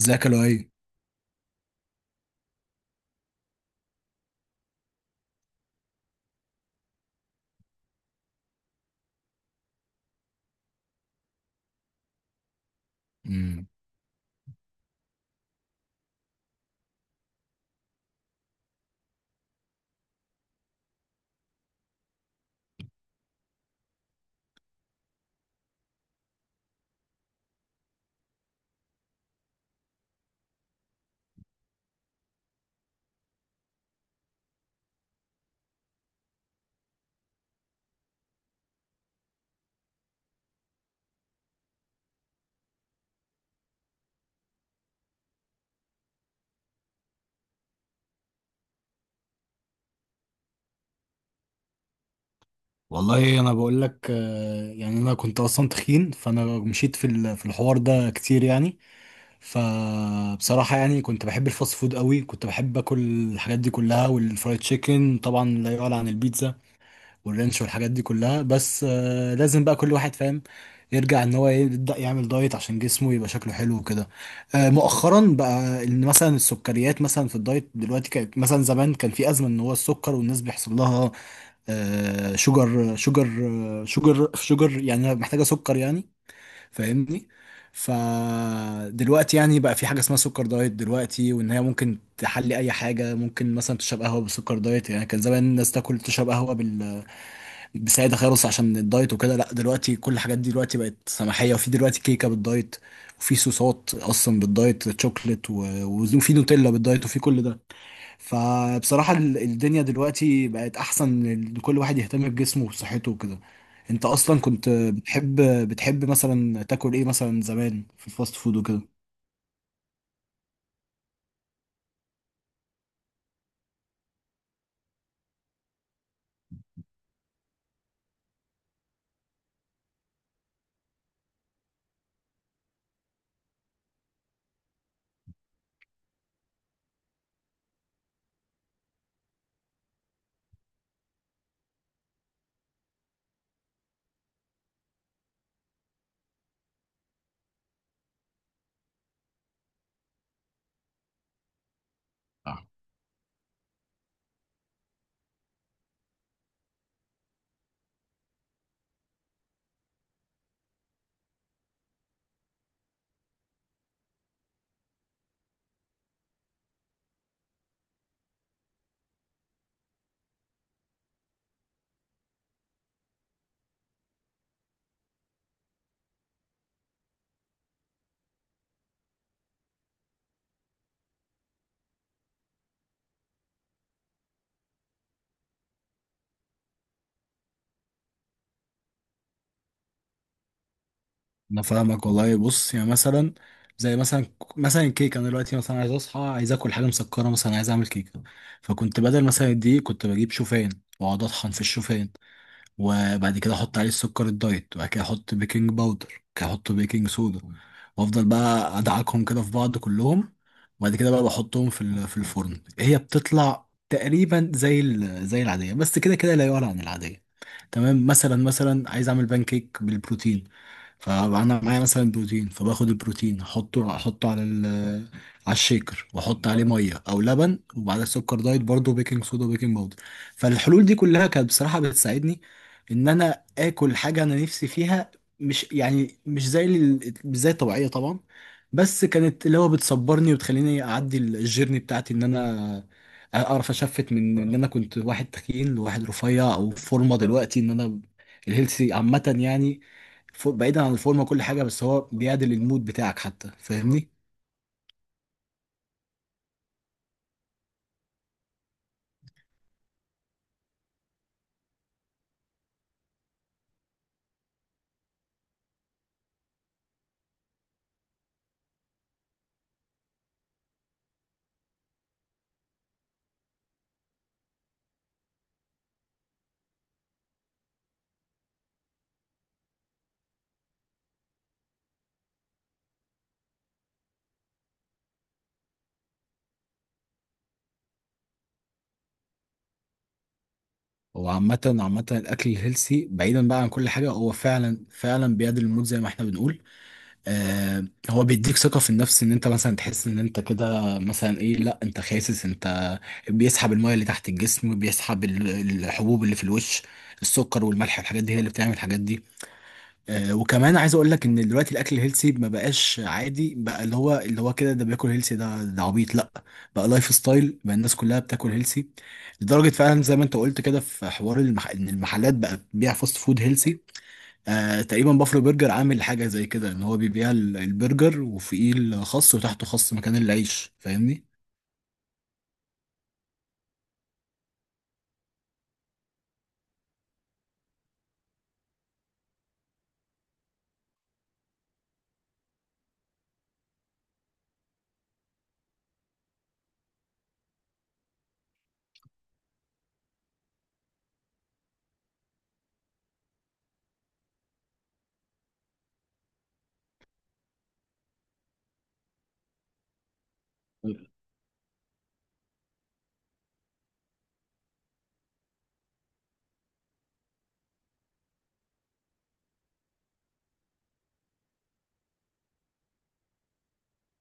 ازيك يا لؤي؟ امم. والله انا بقول لك، يعني انا كنت اصلا تخين، فانا مشيت في الحوار ده كتير يعني. فبصراحه يعني كنت بحب الفاست فود قوي، كنت بحب اكل الحاجات دي كلها، والفرايد تشيكن طبعا لا يعلى عن البيتزا والرنش والحاجات دي كلها. بس لازم بقى كل واحد فاهم يرجع ان هو يبدا يعمل دايت عشان جسمه يبقى شكله حلو وكده. مؤخرا بقى ان مثلا السكريات مثلا في الدايت دلوقتي، كانت مثلا زمان كان في ازمه ان هو السكر والناس بيحصل لها شوجر شوجر. شوجر شوجر يعني محتاجه سكر يعني، فاهمني؟ فدلوقتي يعني بقى في حاجه اسمها سكر دايت دلوقتي، وان هي ممكن تحلي اي حاجه، ممكن مثلا تشرب قهوه بسكر دايت. يعني كان زمان الناس تاكل تشرب قهوه سعيدة خالص عشان الدايت وكده، لا دلوقتي كل الحاجات دي دلوقتي بقت سماحية، وفي دلوقتي كيكة بالدايت، وفي صوصات أصلا بالدايت تشوكلت وفي نوتيلا بالدايت وفي كل ده. فبصراحة الدنيا دلوقتي بقت أحسن لكل واحد يهتم بجسمه وبصحته وكده. أنت أصلا كنت بتحب مثلا تاكل إيه مثلا زمان في الفاست فود وكده؟ انا فاهمك والله. بص يعني مثلا، زي مثلا، مثلا الكيك، انا دلوقتي مثلا عايز اصحى عايز اكل حاجه مسكره، مثلا عايز اعمل كيكه، فكنت بدل مثلا دي كنت بجيب شوفان واقعد اطحن في الشوفان، وبعد كده احط عليه السكر الدايت، وبعد كده احط بيكنج باودر، وبعد كده احط بيكنج صودا، وافضل بقى ادعكهم كده في بعض كلهم، وبعد كده بقى بحطهم في الفرن. هي بتطلع تقريبا زي زي العاديه، بس كده كده لا يعلى عن العاديه. تمام، مثلا مثلا عايز اعمل بان كيك بالبروتين، فانا معايا مثلا بروتين، فباخد البروتين احطه على ال على الشيكر واحط عليه ميه او لبن، وبعدها سكر دايت برضه، بيكنج صودا وبيكنج باودر. فالحلول دي كلها كانت بصراحه بتساعدني ان انا اكل حاجه انا نفسي فيها، مش يعني مش زي مش زي الطبيعيه طبعا، بس كانت اللي هو بتصبرني وتخليني اعدي الجيرني بتاعتي ان انا اعرف اشفت من ان انا كنت واحد تخين لواحد رفيع او فورمه دلوقتي، ان انا الهيلثي عامه يعني. بعيدا عن الفورمه وكل حاجه، بس هو بيعدل المود بتاعك حتى، فاهمني؟ هو عامه عامه الاكل الهيلسي بعيدا بقى عن كل حاجه، هو فعلا فعلا بيعدل المود زي ما احنا بنقول. آه. هو بيديك ثقه في النفس، ان انت مثلا تحس ان انت كده مثلا ايه، لا انت خاسس. انت بيسحب الميه اللي تحت الجسم، بيسحب الحبوب اللي في الوش. السكر والملح الحاجات دي هي اللي بتعمل الحاجات دي. وكمان عايز اقول لك ان دلوقتي الاكل الهيلثي ما بقاش عادي بقى، اللي هو كده ده بياكل هيلثي، ده عبيط، لا. بقى لايف ستايل، بقى الناس كلها بتاكل هيلثي. لدرجه فعلا زي ما انت قلت كده، في حوار المح... ان المحلات بقى بتبيع فاست فود هيلثي. آه تقريبا بافلو برجر عامل حاجه زي كده ان هو بيبيع البرجر وفوقيه الخس وتحته خس مكان العيش، فاهمني؟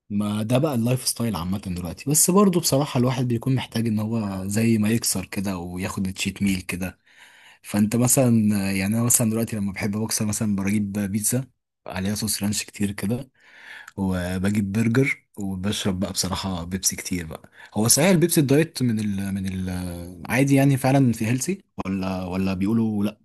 ما ده بقى اللايف ستايل عامة دلوقتي، بس برضه بصراحة الواحد بيكون محتاج ان هو زي ما يكسر كده وياخد تشيت ميل كده. فانت مثلا، يعني انا مثلا دلوقتي لما بحب بوكس مثلا بجيب بيتزا عليها صوص رانش كتير كده، وبجيب برجر، وبشرب بقى بصراحة بيبسي كتير بقى. هو صحيح البيبسي الدايت من ال من ال عادي يعني فعلا في هيلسي؟ ولا بيقولوا لا؟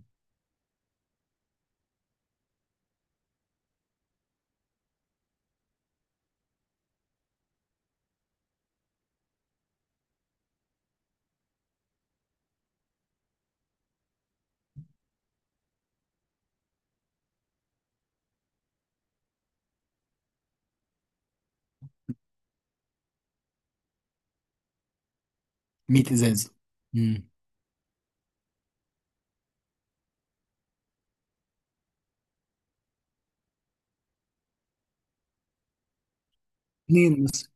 100 ازاز. امم. اتنين بس.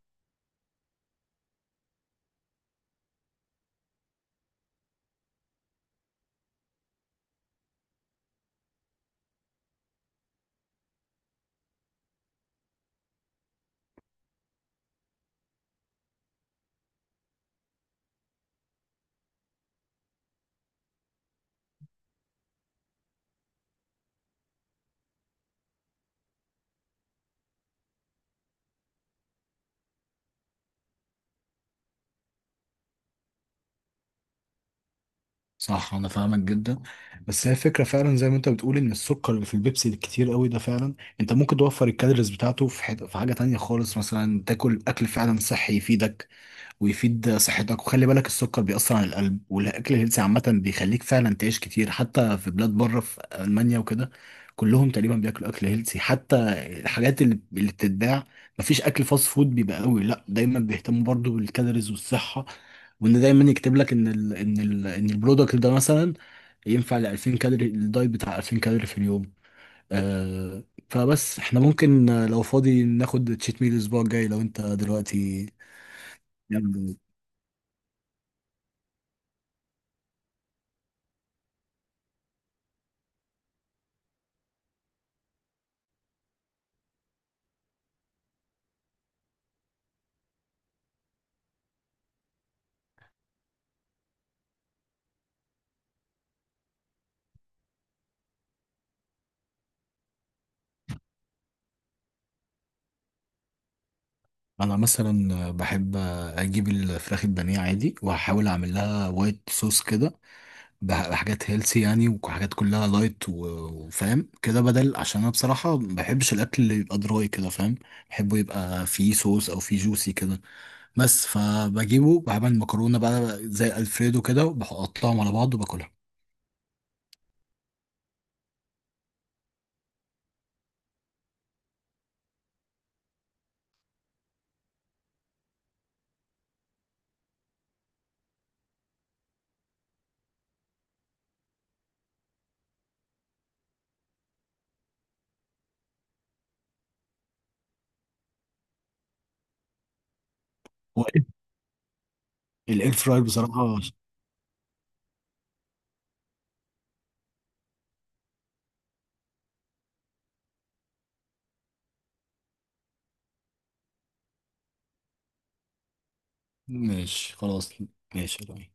صح، انا فاهمك جدا. بس هي الفكره فعلا زي ما انت بتقول، ان السكر اللي في البيبسي الكتير قوي ده فعلا انت ممكن توفر الكالوريز بتاعته في حته، في حاجه تانية خالص، مثلا تاكل اكل فعلا صحي يفيدك ويفيد صحتك. وخلي بالك السكر بيأثر على القلب، والأكل الهيلثي عامة بيخليك فعلا تعيش كتير. حتى في بلاد بره في ألمانيا وكده كلهم تقريبا بياكلوا أكل هيلثي. حتى الحاجات اللي بتتباع، مفيش أكل فاست فود بيبقى قوي. لا دايما بيهتموا برضو بالكالوريز والصحة، وإن دايما يكتب لك إن ال إن ال إن البرودكت ده مثلا ينفع ل 2000 كالوري، الدايت بتاع 2000 كالوري في اليوم. آه. فبس احنا ممكن لو فاضي ناخد تشيت ميل الأسبوع الجاي لو أنت دلوقتي. يلا. انا مثلا بحب اجيب الفراخ البانيه عادي واحاول اعمل لها وايت صوص كده، بحاجات هيلسي يعني، وحاجات كلها لايت وفاهم كده بدل، عشان انا بصراحه ما بحبش الاكل اللي يبقى دراي كده، فاهم؟ بحبه يبقى فيه صوص او فيه جوسي كده. بس فبجيبه بعمل مكرونه بقى زي الفريدو كده وبحطهم على بعض وباكلها. والاير فراير بصراحه... ماشي، خلاص. ماشي.